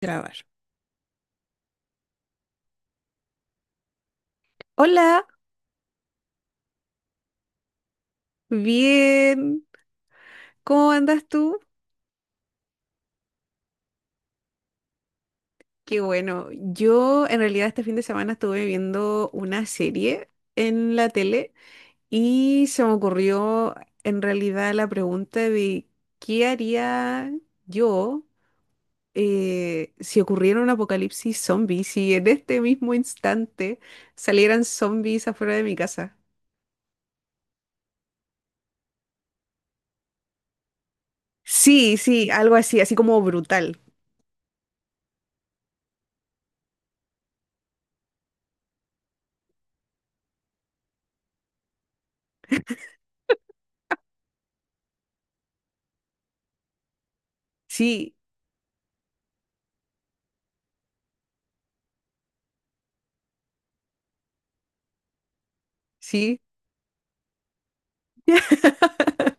Grabar. Hola, bien. ¿Cómo andas tú? Qué bueno. Yo en realidad este fin de semana estuve viendo una serie en la tele y se me ocurrió en realidad la pregunta de qué haría yo si ocurriera un apocalipsis zombie, si en este mismo instante salieran zombies afuera de mi casa. Sí, sí, algo así, así como brutal. Sí, sí.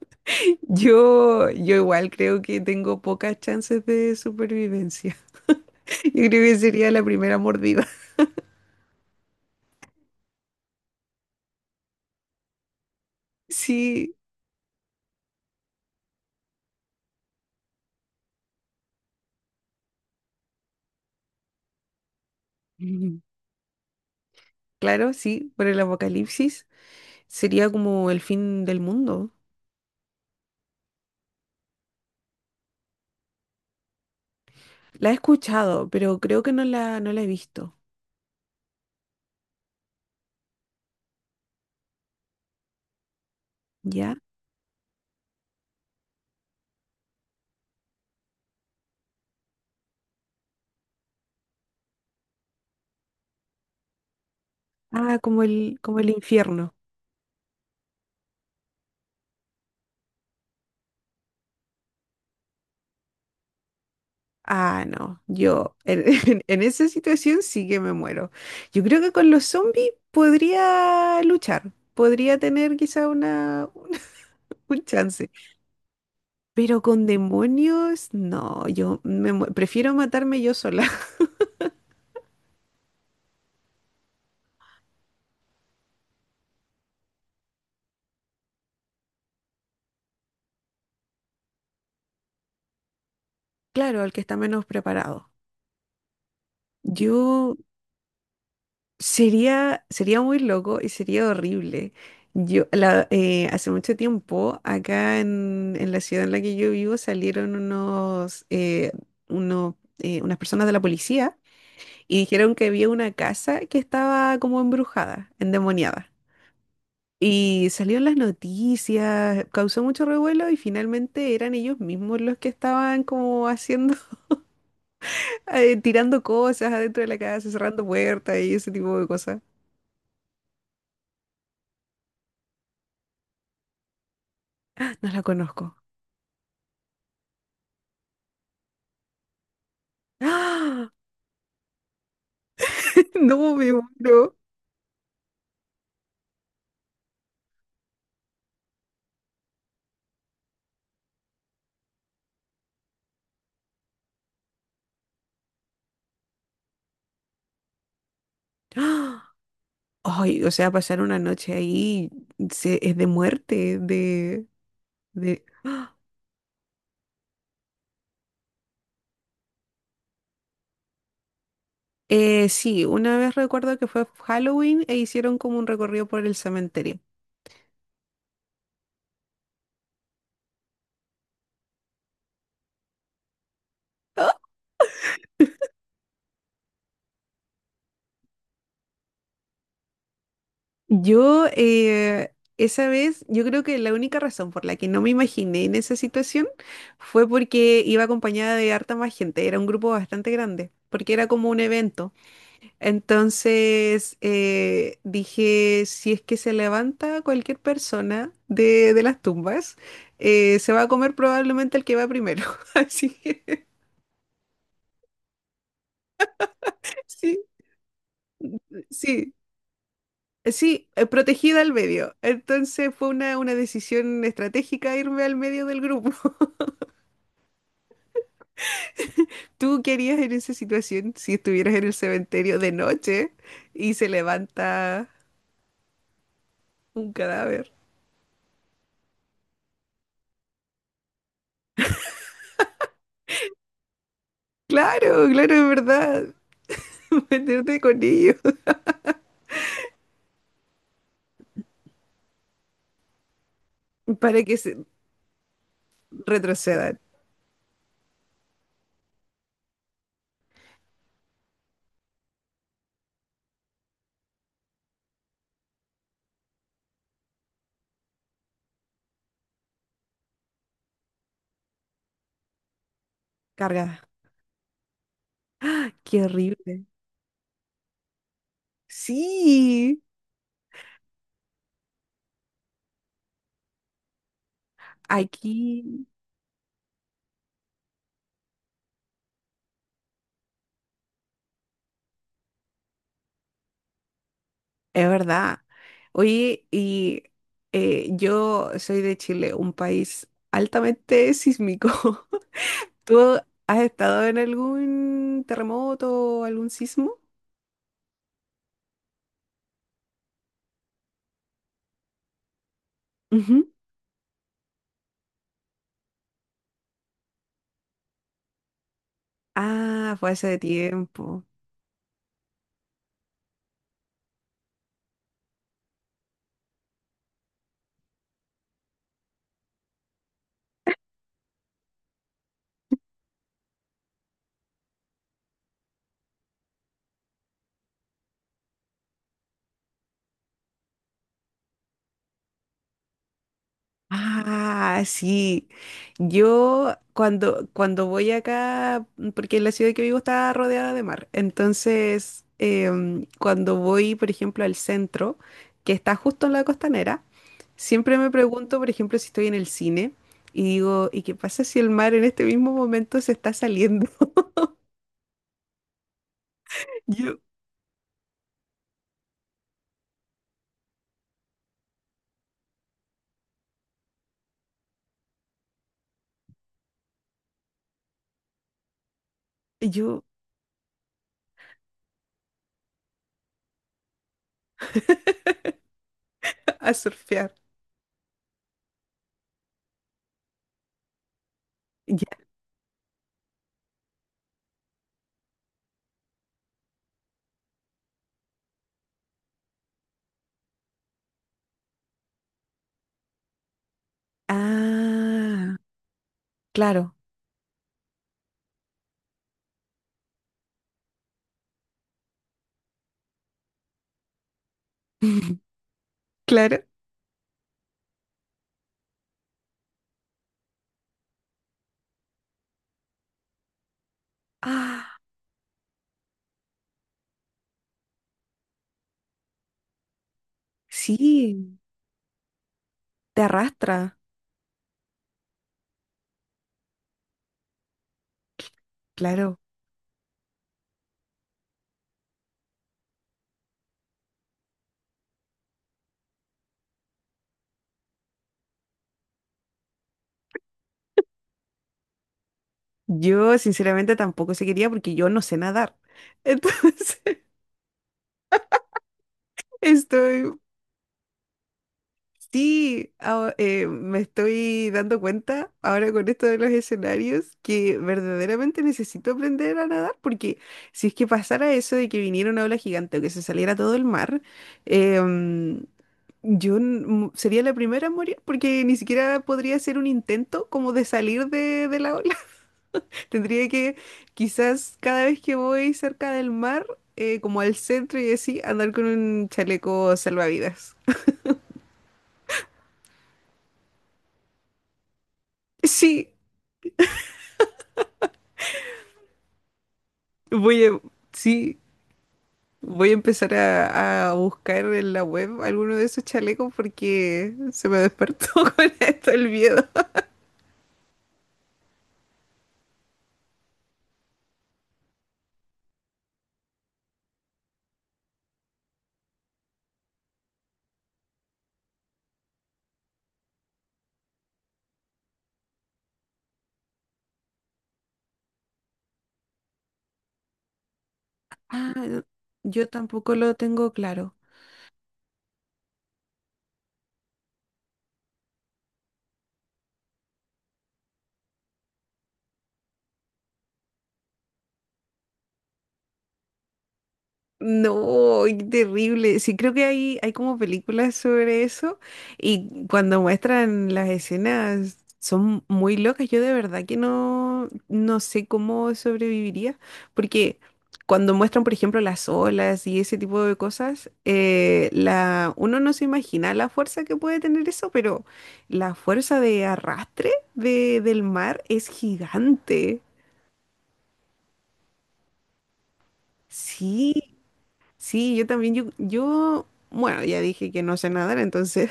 Yo igual creo que tengo pocas chances de supervivencia. Yo creo que sería la primera mordida. Sí. Mm, claro, sí, por el apocalipsis sería como el fin del mundo. La he escuchado, pero creo que no la he visto. ¿Ya? Ah, como el infierno. Ah, no, yo en, en esa situación sí que me muero. Yo creo que con los zombies podría luchar, podría tener quizá una, un chance. Pero con demonios, no, yo prefiero matarme yo sola. Claro, al que está menos preparado. Yo sería, sería muy loco y sería horrible. Hace mucho tiempo, acá en la ciudad en la que yo vivo, salieron unos, unas personas de la policía y dijeron que había una casa que estaba como embrujada, endemoniada. Y salió en las noticias, causó mucho revuelo y finalmente eran ellos mismos los que estaban como haciendo, tirando cosas adentro de la casa, cerrando puertas y ese tipo de cosas. No la conozco. ¡Ah! No me muero. ¡Ah! Ay, o sea, pasar una noche ahí es de muerte, de... Sí, una vez recuerdo que fue Halloween e hicieron como un recorrido por el cementerio. Yo, eh, Esa vez, yo creo que la única razón por la que no me imaginé en esa situación fue porque iba acompañada de harta más gente, era un grupo bastante grande, porque era como un evento. Entonces, dije, si es que se levanta cualquier persona de las tumbas, se va a comer probablemente el que va primero. Así que, sí, sí. Sí, protegida al medio. Entonces fue una decisión estratégica irme al medio del grupo. ¿Tú qué harías en esa situación si estuvieras en el cementerio de noche y se levanta un cadáver? Claro, claro, es verdad. Meterte con ellos para que se retrocedan. Cargada. Qué horrible. Sí, aquí es verdad. Oye, y yo soy de Chile, un país altamente sísmico. ¿Tú has estado en algún terremoto o algún sismo? Ujú. Ah, fue hace tiempo. Ah, sí. Yo cuando voy acá, porque la ciudad que vivo está rodeada de mar, entonces cuando voy, por ejemplo, al centro, que está justo en la costanera, siempre me pregunto, por ejemplo, si estoy en el cine y digo, ¿y qué pasa si el mar en este mismo momento se está saliendo? Yo, yo a surfear. Ya. Ah, claro, claro. Ah. Sí, te arrastra, claro. Yo sinceramente tampoco se quería porque yo no sé nadar. Entonces, estoy, sí, me estoy dando cuenta ahora con esto de los escenarios que verdaderamente necesito aprender a nadar porque si es que pasara eso de que viniera una ola gigante o que se saliera todo el mar, em, yo sería la primera en morir porque ni siquiera podría hacer un intento como de salir de la ola. Tendría que, quizás cada vez que voy cerca del mar, como al centro y así, andar con un chaleco salvavidas. Sí, voy a, sí, voy a empezar a buscar en la web alguno de esos chalecos porque se me despertó con esto el miedo. Ah, yo tampoco lo tengo claro. No, qué terrible. Sí, creo que hay como películas sobre eso y cuando muestran las escenas son muy locas. Yo de verdad que no, no sé cómo sobreviviría porque cuando muestran, por ejemplo, las olas y ese tipo de cosas, uno no se imagina la fuerza que puede tener eso, pero la fuerza de arrastre de, del mar es gigante. Sí. Sí, yo también, yo, bueno, ya dije que no sé nadar, entonces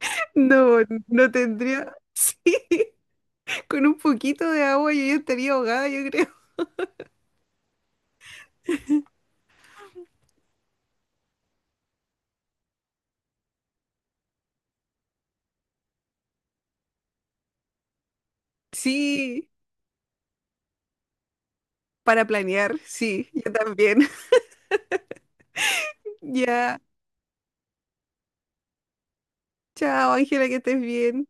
no, no tendría, sí, con un poquito de agua yo ya estaría ahogada, yo creo. Sí, para planear, sí, yo también. Ya, chao, Ángela, que estés bien.